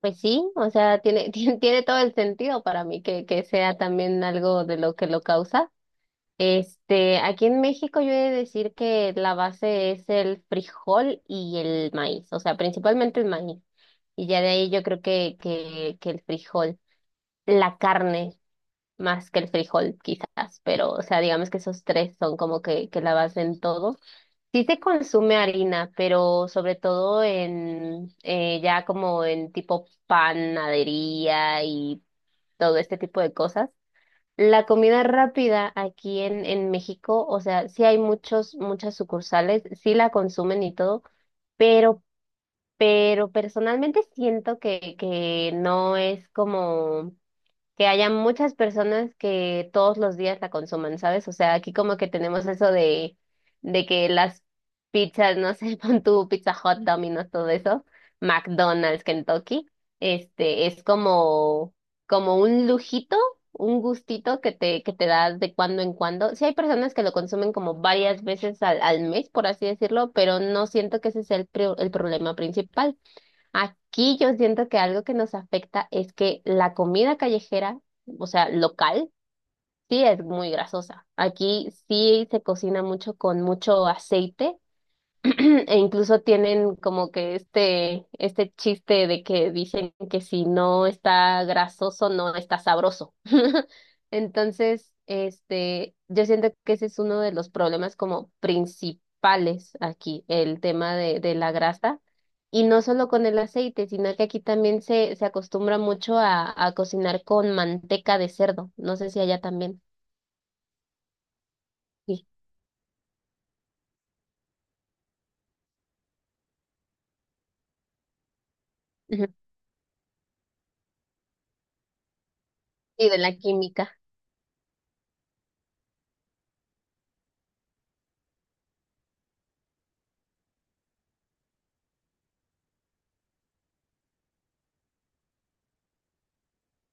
Pues sí, o sea, tiene, tiene todo el sentido para mí que sea también algo de lo que lo causa. Aquí en México yo he de decir que la base es el frijol y el maíz, o sea, principalmente el maíz. Y ya de ahí yo creo que el frijol, la carne más que el frijol quizás, pero o sea, digamos que esos tres son como que la base en todo. Sí se consume harina, pero sobre todo en ya como en tipo panadería y todo este tipo de cosas. La comida rápida aquí en México, o sea, sí hay muchas sucursales, sí la consumen y todo, pero, pero personalmente siento que no es como que haya muchas personas que todos los días la consuman, ¿sabes? O sea, aquí como que tenemos eso de que las pizzas, no sé, pon tu Pizza Hut, Domino's, todo eso, McDonald's, Kentucky, es como, como un lujito, un gustito que que te das de cuando en cuando. Sí hay personas que lo consumen como varias veces al mes, por así decirlo, pero no siento que ese sea el, el problema principal. Aquí yo siento que algo que nos afecta es que la comida callejera, o sea, local, sí es muy grasosa. Aquí sí se cocina mucho con mucho aceite. E incluso tienen como que este chiste de que dicen que si no está grasoso, no está sabroso. Entonces, yo siento que ese es uno de los problemas como principales aquí, el tema de la grasa. Y no solo con el aceite, sino que aquí también se acostumbra mucho a cocinar con manteca de cerdo. No sé si allá también. Sí, ujú. Sí, de la química.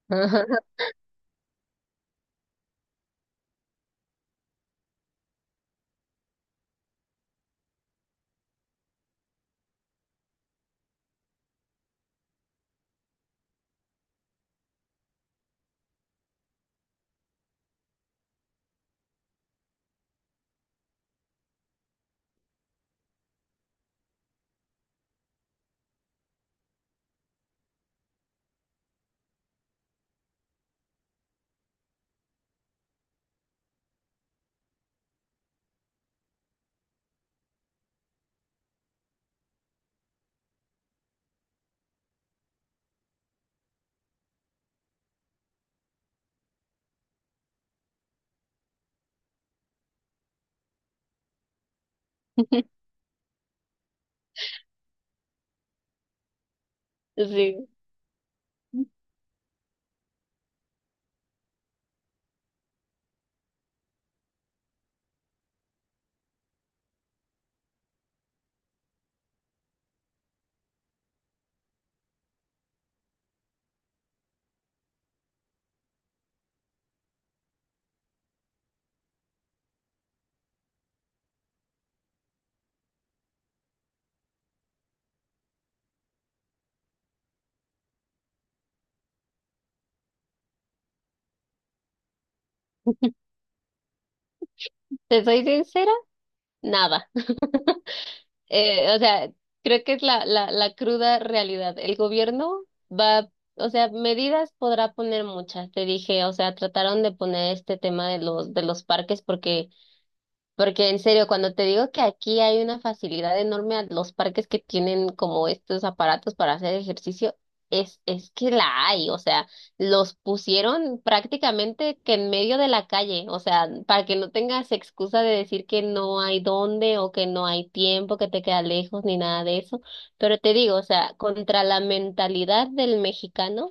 Sí. ¿Te soy sincera? Nada. O sea, creo que es la, la cruda realidad. El gobierno va, o sea, medidas podrá poner muchas. Te dije, o sea, trataron de poner este tema de los parques porque porque en serio, cuando te digo que aquí hay una facilidad enorme a los parques que tienen como estos aparatos para hacer ejercicio, es que la hay, o sea, los pusieron prácticamente que en medio de la calle, o sea, para que no tengas excusa de decir que no hay dónde o que no hay tiempo, que te queda lejos ni nada de eso. Pero te digo, o sea, contra la mentalidad del mexicano.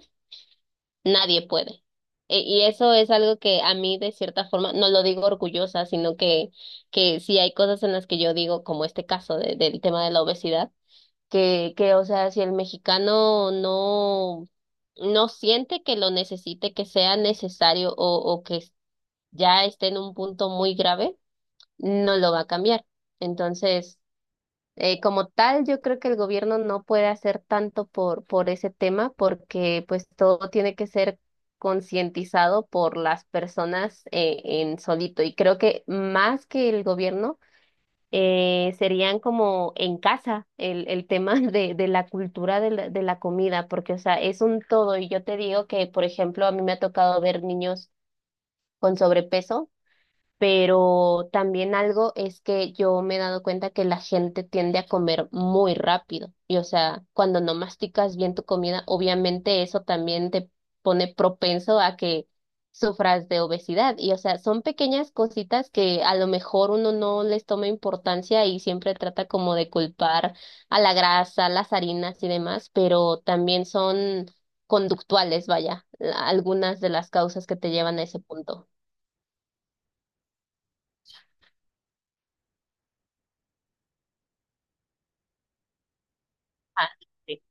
Nadie puede. Y eso es algo que a mí de cierta forma, no lo digo orgullosa, sino que sí hay cosas en las que yo digo, como este caso del tema de la obesidad, o sea, si el mexicano no, no siente que lo necesite, que sea necesario o que ya esté en un punto muy grave, no lo va a cambiar. Entonces, como tal, yo creo que el gobierno no puede hacer tanto por ese tema porque pues todo tiene que ser concientizado por las personas en solito. Y creo que más que el gobierno serían como en casa el tema de la cultura de la comida, porque o sea, es un todo. Y yo te digo que, por ejemplo, a mí me ha tocado ver niños con sobrepeso, pero también algo es que yo me he dado cuenta que la gente tiende a comer muy rápido y, o sea, cuando no masticas bien tu comida, obviamente eso también te pone propenso a que sufras de obesidad y, o sea, son pequeñas cositas que a lo mejor uno no les toma importancia y siempre trata como de culpar a la grasa, las harinas y demás, pero también son conductuales, vaya, algunas de las causas que te llevan a ese punto. Ah, sí.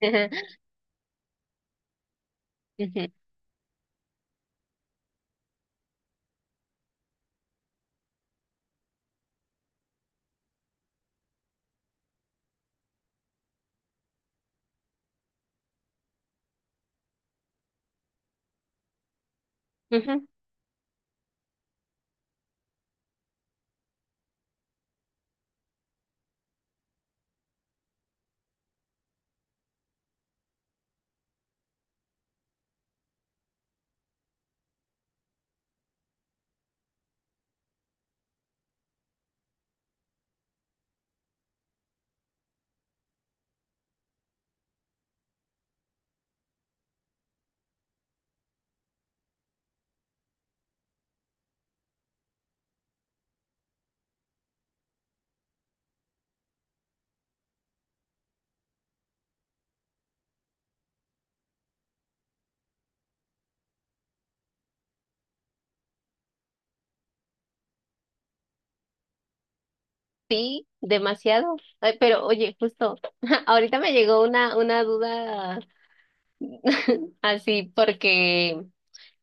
Ujú, ujú. Sí, demasiado. Ay, pero oye, justo, ahorita me llegó una duda así, porque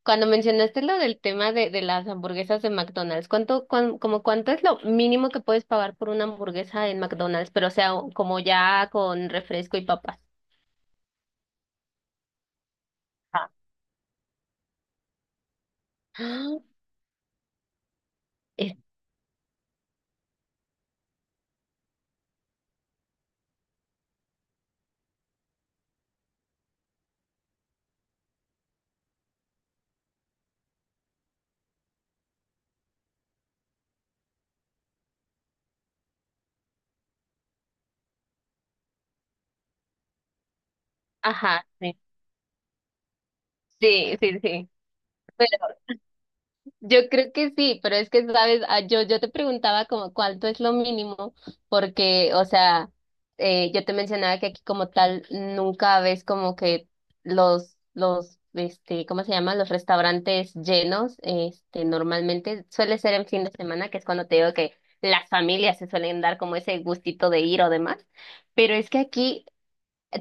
cuando mencionaste lo del tema de las hamburguesas de McDonald's, ¿ como cuánto es lo mínimo que puedes pagar por una hamburguesa en McDonald's? Pero o sea, como ya con refresco y papas. Ah, es- Ajá, sí, sí, sí, sí. Yo creo que sí, pero es que, sabes, ah, yo te preguntaba como cuánto es lo mínimo, porque, o sea, yo te mencionaba que aquí como tal nunca ves como que ¿cómo se llama? Los restaurantes llenos, normalmente suele ser en fin de semana, que es cuando te digo que las familias se suelen dar como ese gustito de ir o demás, pero es que aquí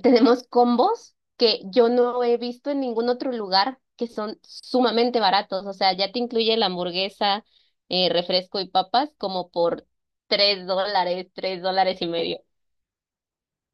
tenemos combos que yo no he visto en ningún otro lugar que son sumamente baratos. O sea, ya te incluye la hamburguesa, refresco y papas como por $3, $3,50.